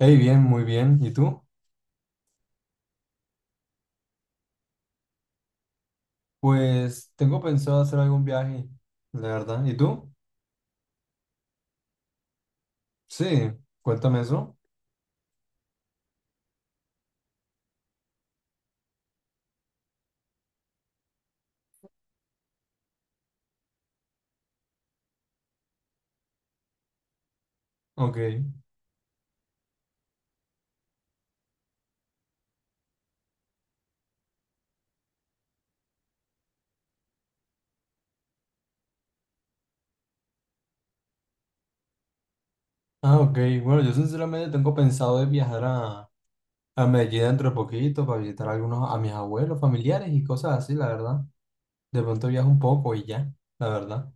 Hey, bien, muy bien. ¿Y tú? Pues tengo pensado hacer algún viaje, la verdad. ¿Y tú? Sí, cuéntame eso. Ok. Ah, ok. Bueno, yo sinceramente tengo pensado de viajar a Medellín dentro de poquito para visitar a algunos, a mis abuelos, familiares y cosas así, la verdad. De pronto viajo un poco y ya, la verdad.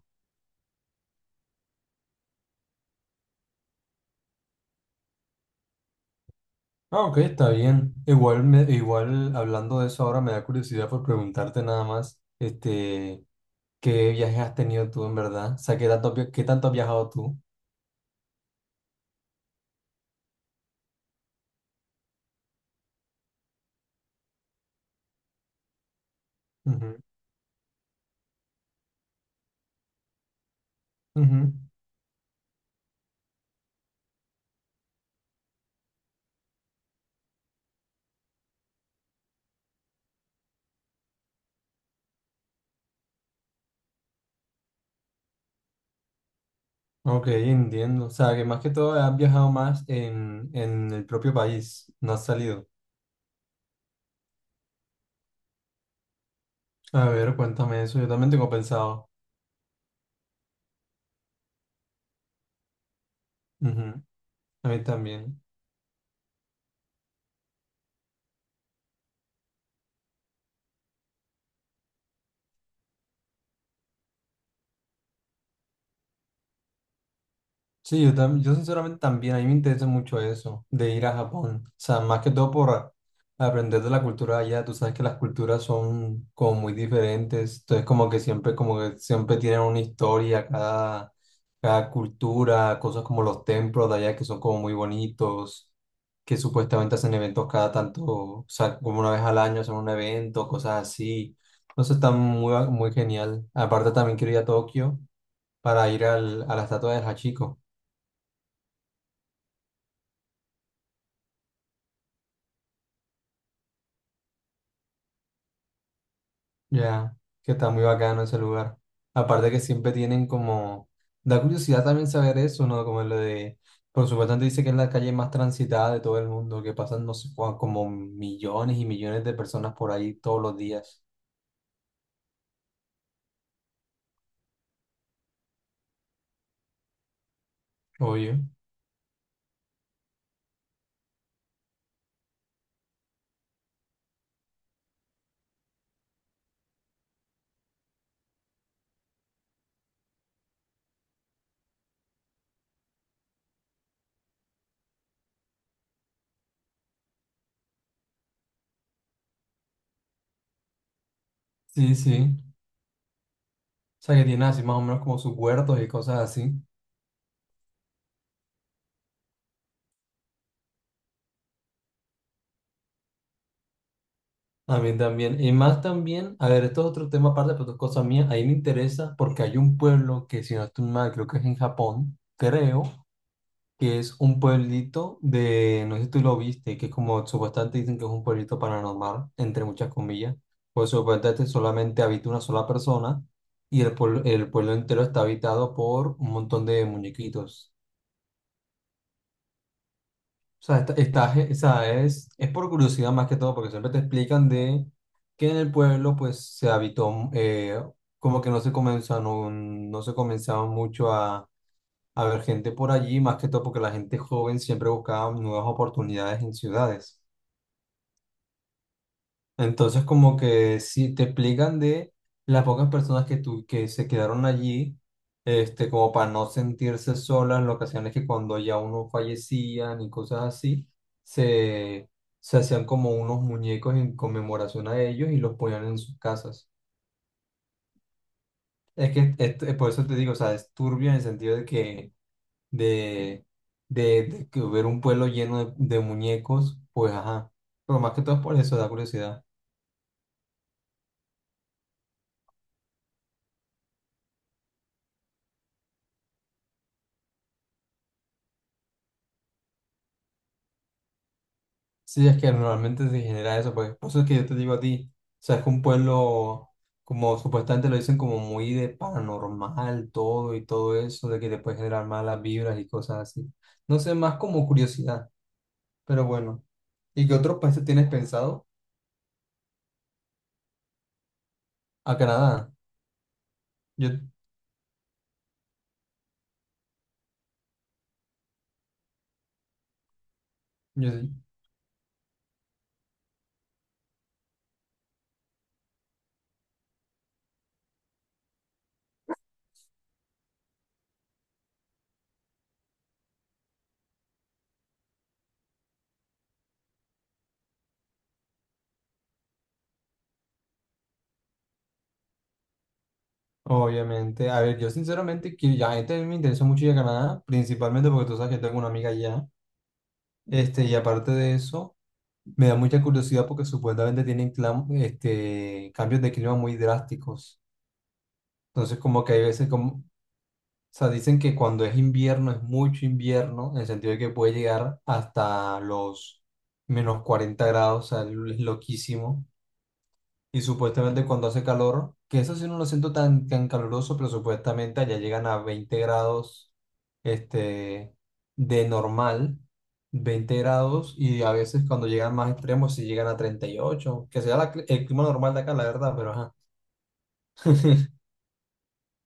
Ah, ok, está bien. Igual, hablando de eso ahora me da curiosidad por preguntarte nada más, este, ¿qué viajes has tenido tú en verdad? O sea, ¿qué tanto has viajado tú? Ujú. Ok, entiendo. O sea, que más que todo has viajado más en el propio país, no has salido. A ver, cuéntame eso, yo también tengo pensado. Ujú. A mí también. Sí, yo sinceramente también, a mí me interesa mucho eso, de ir a Japón. O sea, más que todo por aprender de la cultura de allá. Tú sabes que las culturas son como muy diferentes. Entonces, como que siempre tienen una historia, cada cultura, cosas como los templos de allá que son como muy bonitos, que supuestamente hacen eventos cada tanto, o sea, como una vez al año hacen un evento, cosas así. Entonces, está muy, muy genial. Aparte, también quiero ir a Tokio para ir a la estatua de Hachiko. Ya, que está muy bacano ese lugar. Aparte que siempre tienen como. Da curiosidad también saber eso, ¿no? Como lo de. Por supuesto, antes dice que es la calle más transitada de todo el mundo, que pasan, no sé, como millones y millones de personas por ahí todos los días. Oye. Sí, sí. O sea, que tiene así más o menos como sus huertos y cosas así. A mí también. Y más también, a ver, esto es otro tema aparte, pero esto es cosa mía. Ahí me interesa porque hay un pueblo que, si no estoy mal, creo que es en Japón, creo que es un pueblito de, no sé si tú lo viste, que es como supuestamente dicen que es un pueblito paranormal, entre muchas comillas, pues supuestamente solamente habita una sola persona y el pueblo entero está habitado por un montón de muñequitos. O sea, o sea, es por curiosidad más que todo, porque siempre te explican de que en el pueblo pues se habitó, como que no se comenzaron mucho a ver gente por allí, más que todo porque la gente joven siempre buscaba nuevas oportunidades en ciudades. Entonces, como que si te explican de las pocas personas que se quedaron allí, como para no sentirse solas, lo que hacían es que cuando ya uno fallecía y cosas así, se, se hacían como unos muñecos en conmemoración a ellos y los ponían en sus casas. Es que por eso te digo, o sea, es turbio en el sentido de, de, de que ver un pueblo lleno de muñecos, pues ajá. Pero más que todo es por eso, da curiosidad. Sí, es que normalmente se genera eso, pues por eso es que yo te digo a ti, o sea, es que un pueblo, como supuestamente lo dicen, como muy de paranormal, todo y todo eso, de que te puede generar malas vibras y cosas así. No sé, más como curiosidad, pero bueno. ¿Y qué otros países tienes pensado? A Canadá. Yo, sí. Obviamente, a ver, yo sinceramente, que ya a mí me interesa mucho ir a Canadá, principalmente porque tú sabes que tengo una amiga allá, y aparte de eso, me da mucha curiosidad porque supuestamente tienen cambios de clima muy drásticos. Entonces, como que hay veces, como, o sea, dicen que cuando es invierno es mucho invierno, en el sentido de que puede llegar hasta los -40 grados, o sea, es loquísimo. Y supuestamente cuando hace calor, que eso sí no lo siento tan, tan caluroso, pero supuestamente allá llegan a 20 grados este, de normal, 20 grados, y a veces cuando llegan más extremos, si llegan a 38 que sea la el clima normal de acá, la verdad, pero ajá.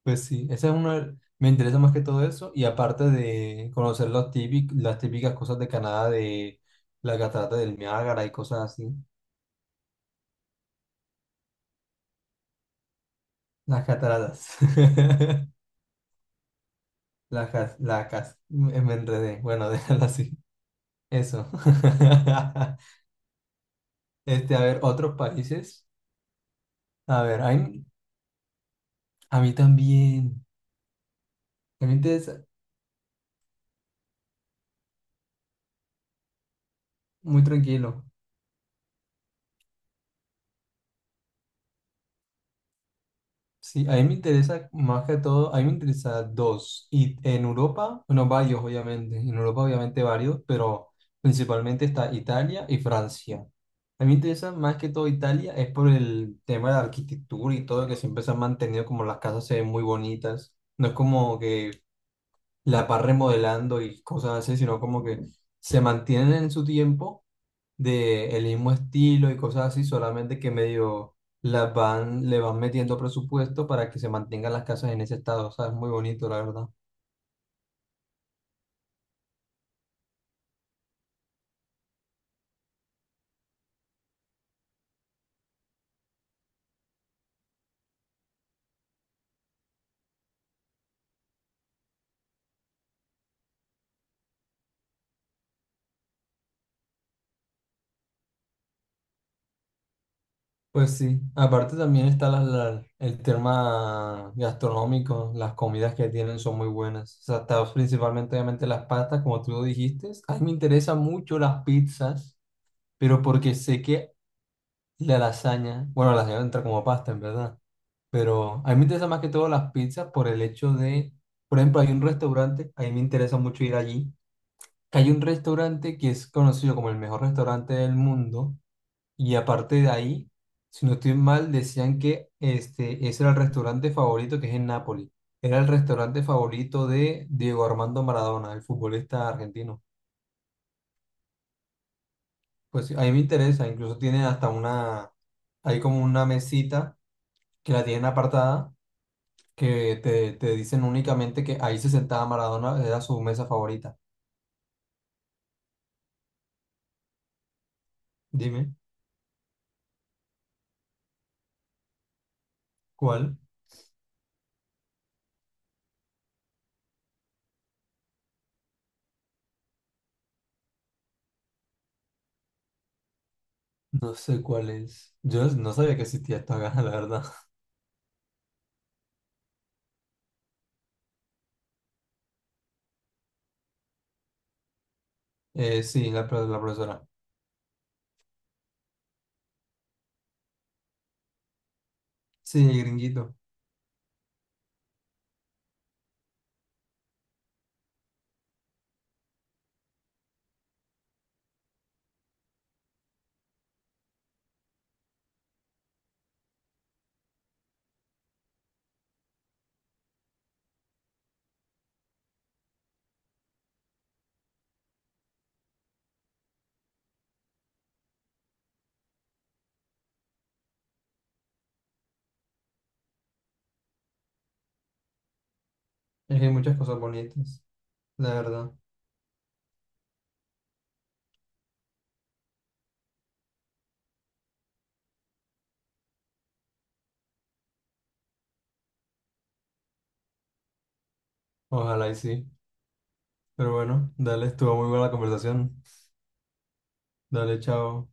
Pues sí, ese es una, me interesa más que todo eso, y aparte de conocer los las típicas cosas de Canadá, de la catarata del Niágara y cosas así, las cataratas. La cas, me me enredé. Bueno, déjalo así. Eso. A ver, otros países. A ver, a mí también. A mí me interesa, muy tranquilo. Sí, a mí me interesa más que todo, a mí me interesa dos. Y en Europa, bueno, varios, obviamente. En Europa, obviamente, varios, pero principalmente está Italia y Francia. A mí me interesa más que todo Italia, es por el tema de la arquitectura y todo, que siempre se han mantenido como las casas se ven muy bonitas. No es como que la va remodelando y cosas así, sino como que se mantienen en su tiempo de el mismo estilo y cosas así, solamente que medio las van, le van metiendo presupuesto para que se mantengan las casas en ese estado, o sea, es muy bonito, la verdad. Pues sí, aparte también está el tema gastronómico, las comidas que tienen son muy buenas, o sea, está principalmente obviamente las pastas, como tú lo dijiste, a mí me interesan mucho las pizzas, pero porque sé que. Y la lasaña, bueno, la lasaña entra como pasta, en verdad. Pero a mí me interesa más que todo las pizzas por el hecho de, por ejemplo, hay un restaurante, a mí me interesa mucho ir allí, que hay un restaurante que es conocido como el mejor restaurante del mundo. Y aparte de ahí, si no estoy mal, decían que ese era el restaurante favorito que es en Nápoles. Era el restaurante favorito de Diego Armando Maradona, el futbolista argentino. Pues sí, a mí me interesa, incluso tiene hasta una, hay como una mesita que la tienen apartada que te dicen únicamente que ahí se sentaba Maradona, era su mesa favorita. Dime, ¿cuál? No sé cuál es. Yo no sabía que existía esta gana, la verdad. Sí, la profesora. Sí, el gringuito. Es que hay muchas cosas bonitas, la verdad. Ojalá y sí. Pero bueno, dale, estuvo muy buena la conversación. Dale, chao.